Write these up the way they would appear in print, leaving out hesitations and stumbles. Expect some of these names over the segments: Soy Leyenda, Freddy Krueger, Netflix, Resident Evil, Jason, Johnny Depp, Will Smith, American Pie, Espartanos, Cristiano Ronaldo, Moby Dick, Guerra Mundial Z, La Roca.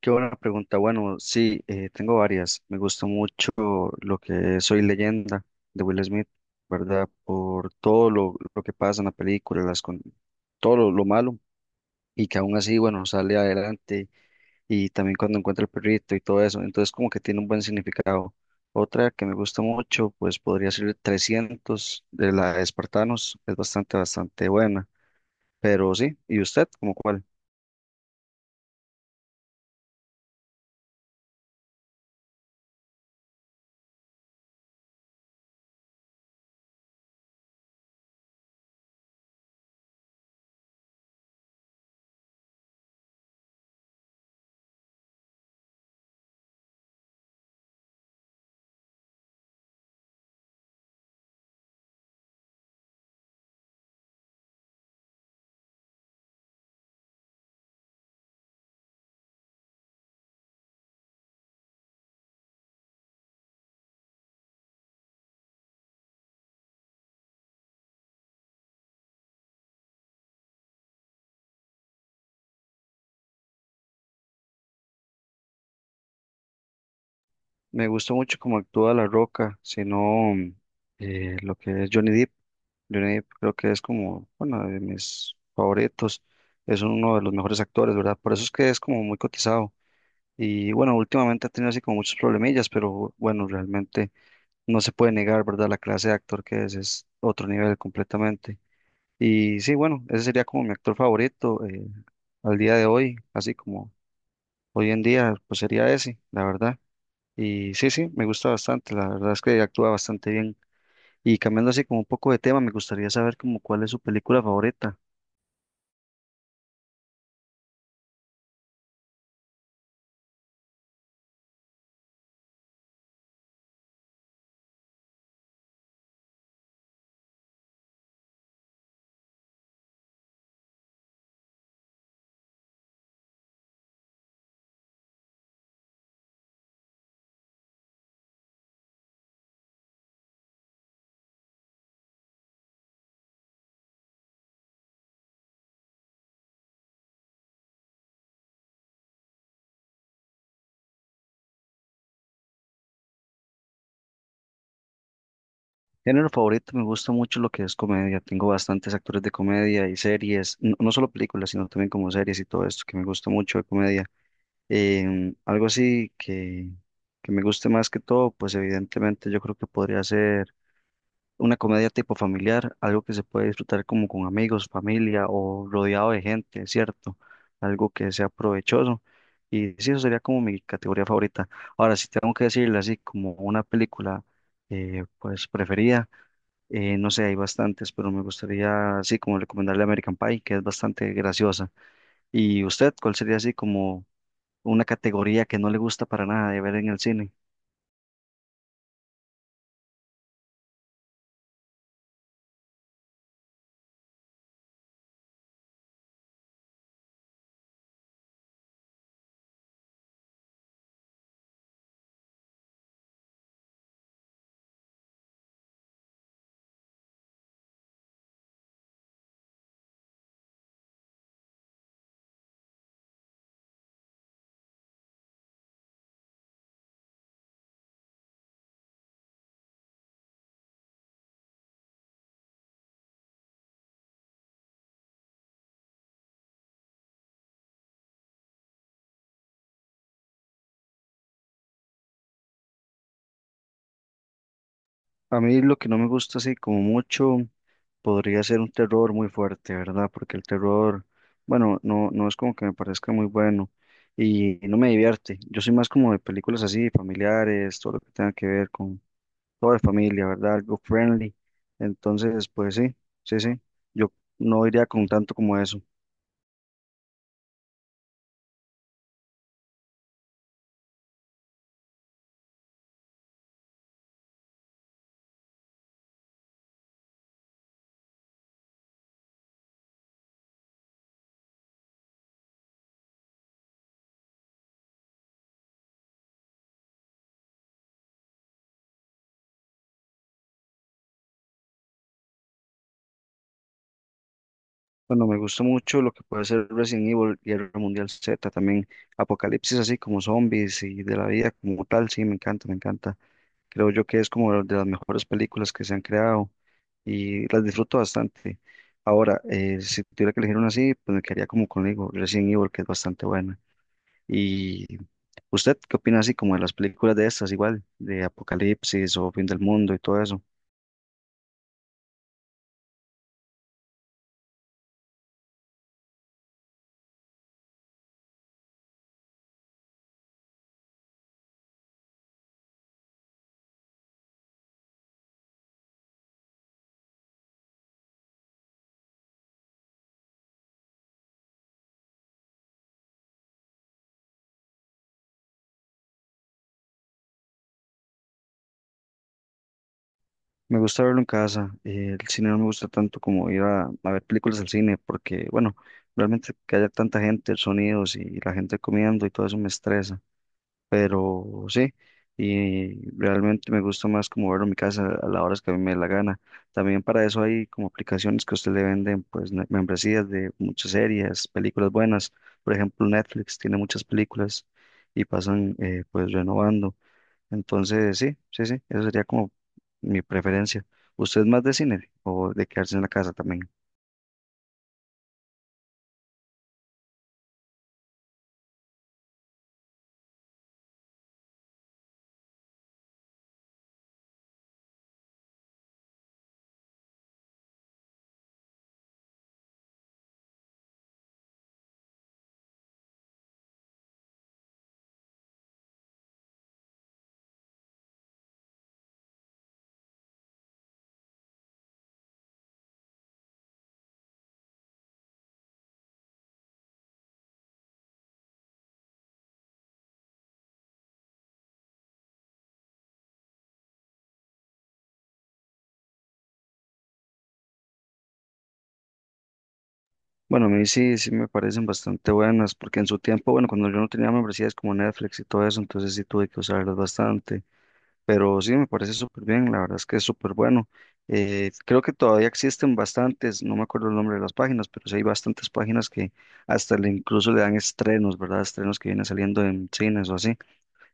Qué buena pregunta. Bueno, sí, tengo varias. Me gusta mucho lo que es Soy Leyenda de Will Smith, ¿verdad? Por todo lo que pasa en la película, todo lo malo y que aún así, bueno, sale adelante y también cuando encuentra el perrito y todo eso. Entonces, como que tiene un buen significado. Otra que me gusta mucho, pues podría ser 300 de la de Espartanos. Es bastante buena. Pero sí, ¿y usted, como cuál? Me gusta mucho cómo actúa La Roca, sino lo que es Johnny Depp. Johnny Depp creo que es como bueno de mis favoritos. Es uno de los mejores actores, ¿verdad? Por eso es que es como muy cotizado. Y bueno, últimamente ha tenido así como muchos problemillas, pero bueno, realmente no se puede negar, ¿verdad? La clase de actor que es otro nivel completamente. Y sí, bueno, ese sería como mi actor favorito al día de hoy, así como hoy en día, pues sería ese, la verdad. Y sí, sí, me gusta bastante, la verdad es que actúa bastante bien. Y cambiando así como un poco de tema, me gustaría saber como cuál es su película favorita. Género favorito, me gusta mucho lo que es comedia. Tengo bastantes actores de comedia y series, no, no solo películas, sino también como series y todo esto, que me gusta mucho de comedia. Algo así que me guste más que todo, pues evidentemente yo creo que podría ser una comedia tipo familiar, algo que se puede disfrutar como con amigos, familia o rodeado de gente, ¿cierto? Algo que sea provechoso. Y sí, eso sería como mi categoría favorita. Ahora, si tengo que decirle así como una película pues preferida, no sé, hay bastantes, pero me gustaría así como recomendarle American Pie, que es bastante graciosa. ¿Y usted, cuál sería así como una categoría que no le gusta para nada de ver en el cine? A mí lo que no me gusta así como mucho podría ser un terror muy fuerte, ¿verdad? Porque el terror, bueno, no, no es como que me parezca muy bueno y no me divierte. Yo soy más como de películas así, familiares, todo lo que tenga que ver con toda la familia, ¿verdad? Algo friendly. Entonces, pues sí, sí, sí. Yo no iría con tanto como eso. Bueno, me gusta mucho lo que puede ser Resident Evil, Guerra Mundial Z, también Apocalipsis así como zombies y de la vida como tal, sí, me encanta, me encanta. Creo yo que es como de las mejores películas que se han creado y las disfruto bastante. Ahora, si tuviera que elegir una así, pues me quedaría como conmigo, Resident Evil, que es bastante buena. ¿Y usted qué opina así como de las películas de estas, igual, de Apocalipsis o Fin del Mundo y todo eso? Me gusta verlo en casa. El cine no me gusta tanto como ir a ver películas al cine, porque, bueno, realmente que haya tanta gente, sonidos y la gente comiendo y todo eso me estresa. Pero sí, y realmente me gusta más como verlo en mi casa a las horas que a mí me dé la gana. También para eso hay como aplicaciones que a usted le venden, membresías de muchas series, películas buenas. Por ejemplo, Netflix tiene muchas películas y pasan pues renovando. Entonces, sí, sí, sí, eso sería como mi preferencia. ¿Usted es más de cine o de quedarse en la casa también? Bueno, a mí sí, sí me parecen bastante buenas, porque en su tiempo, bueno, cuando yo no tenía membresías como Netflix y todo eso, entonces sí tuve que usarlas bastante. Pero sí, me parece súper bien, la verdad es que es súper bueno. Creo que todavía existen bastantes, no me acuerdo el nombre de las páginas, pero sí hay bastantes páginas que hasta le incluso le dan estrenos, ¿verdad? Estrenos que vienen saliendo en cines o así.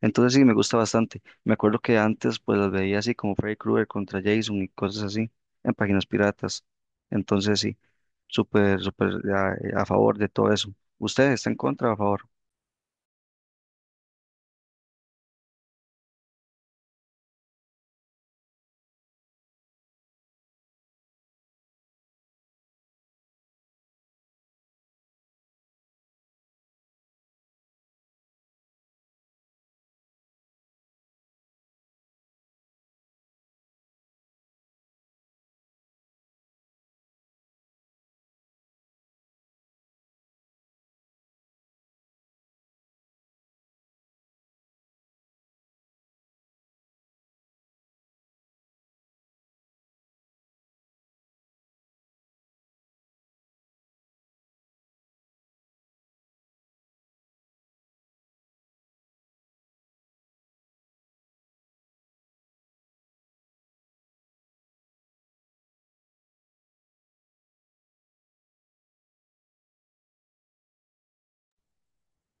Entonces sí, me gusta bastante. Me acuerdo que antes pues las veía así como Freddy Krueger contra Jason y cosas así en páginas piratas. Entonces sí, súper, súper a favor de todo eso. ¿Usted está en contra o a favor?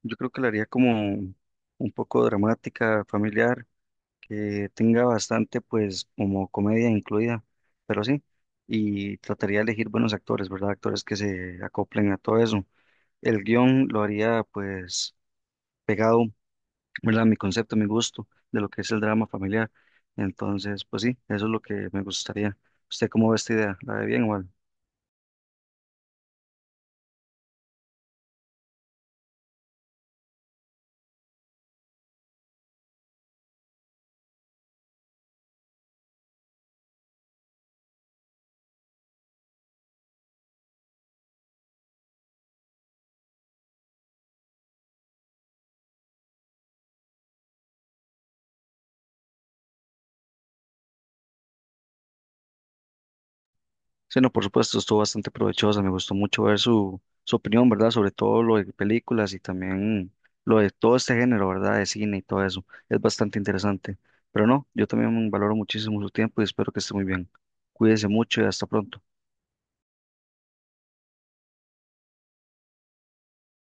Yo creo que la haría como un poco dramática, familiar que tenga bastante, pues, como comedia incluida, pero sí, y trataría de elegir buenos actores, ¿verdad? Actores que se acoplen a todo eso. El guión lo haría, pues, pegado, ¿verdad? A mi concepto, a mi gusto de lo que es el drama familiar. Entonces, pues sí, eso es lo que me gustaría. ¿Usted cómo ve esta idea? ¿La ve bien o mal? Sí, no, por supuesto, estuvo bastante provechosa. Me gustó mucho ver su opinión, ¿verdad? Sobre todo lo de películas y también lo de todo este género, ¿verdad? De cine y todo eso. Es bastante interesante. Pero no, yo también valoro muchísimo su tiempo y espero que esté muy bien. Cuídese mucho y hasta pronto.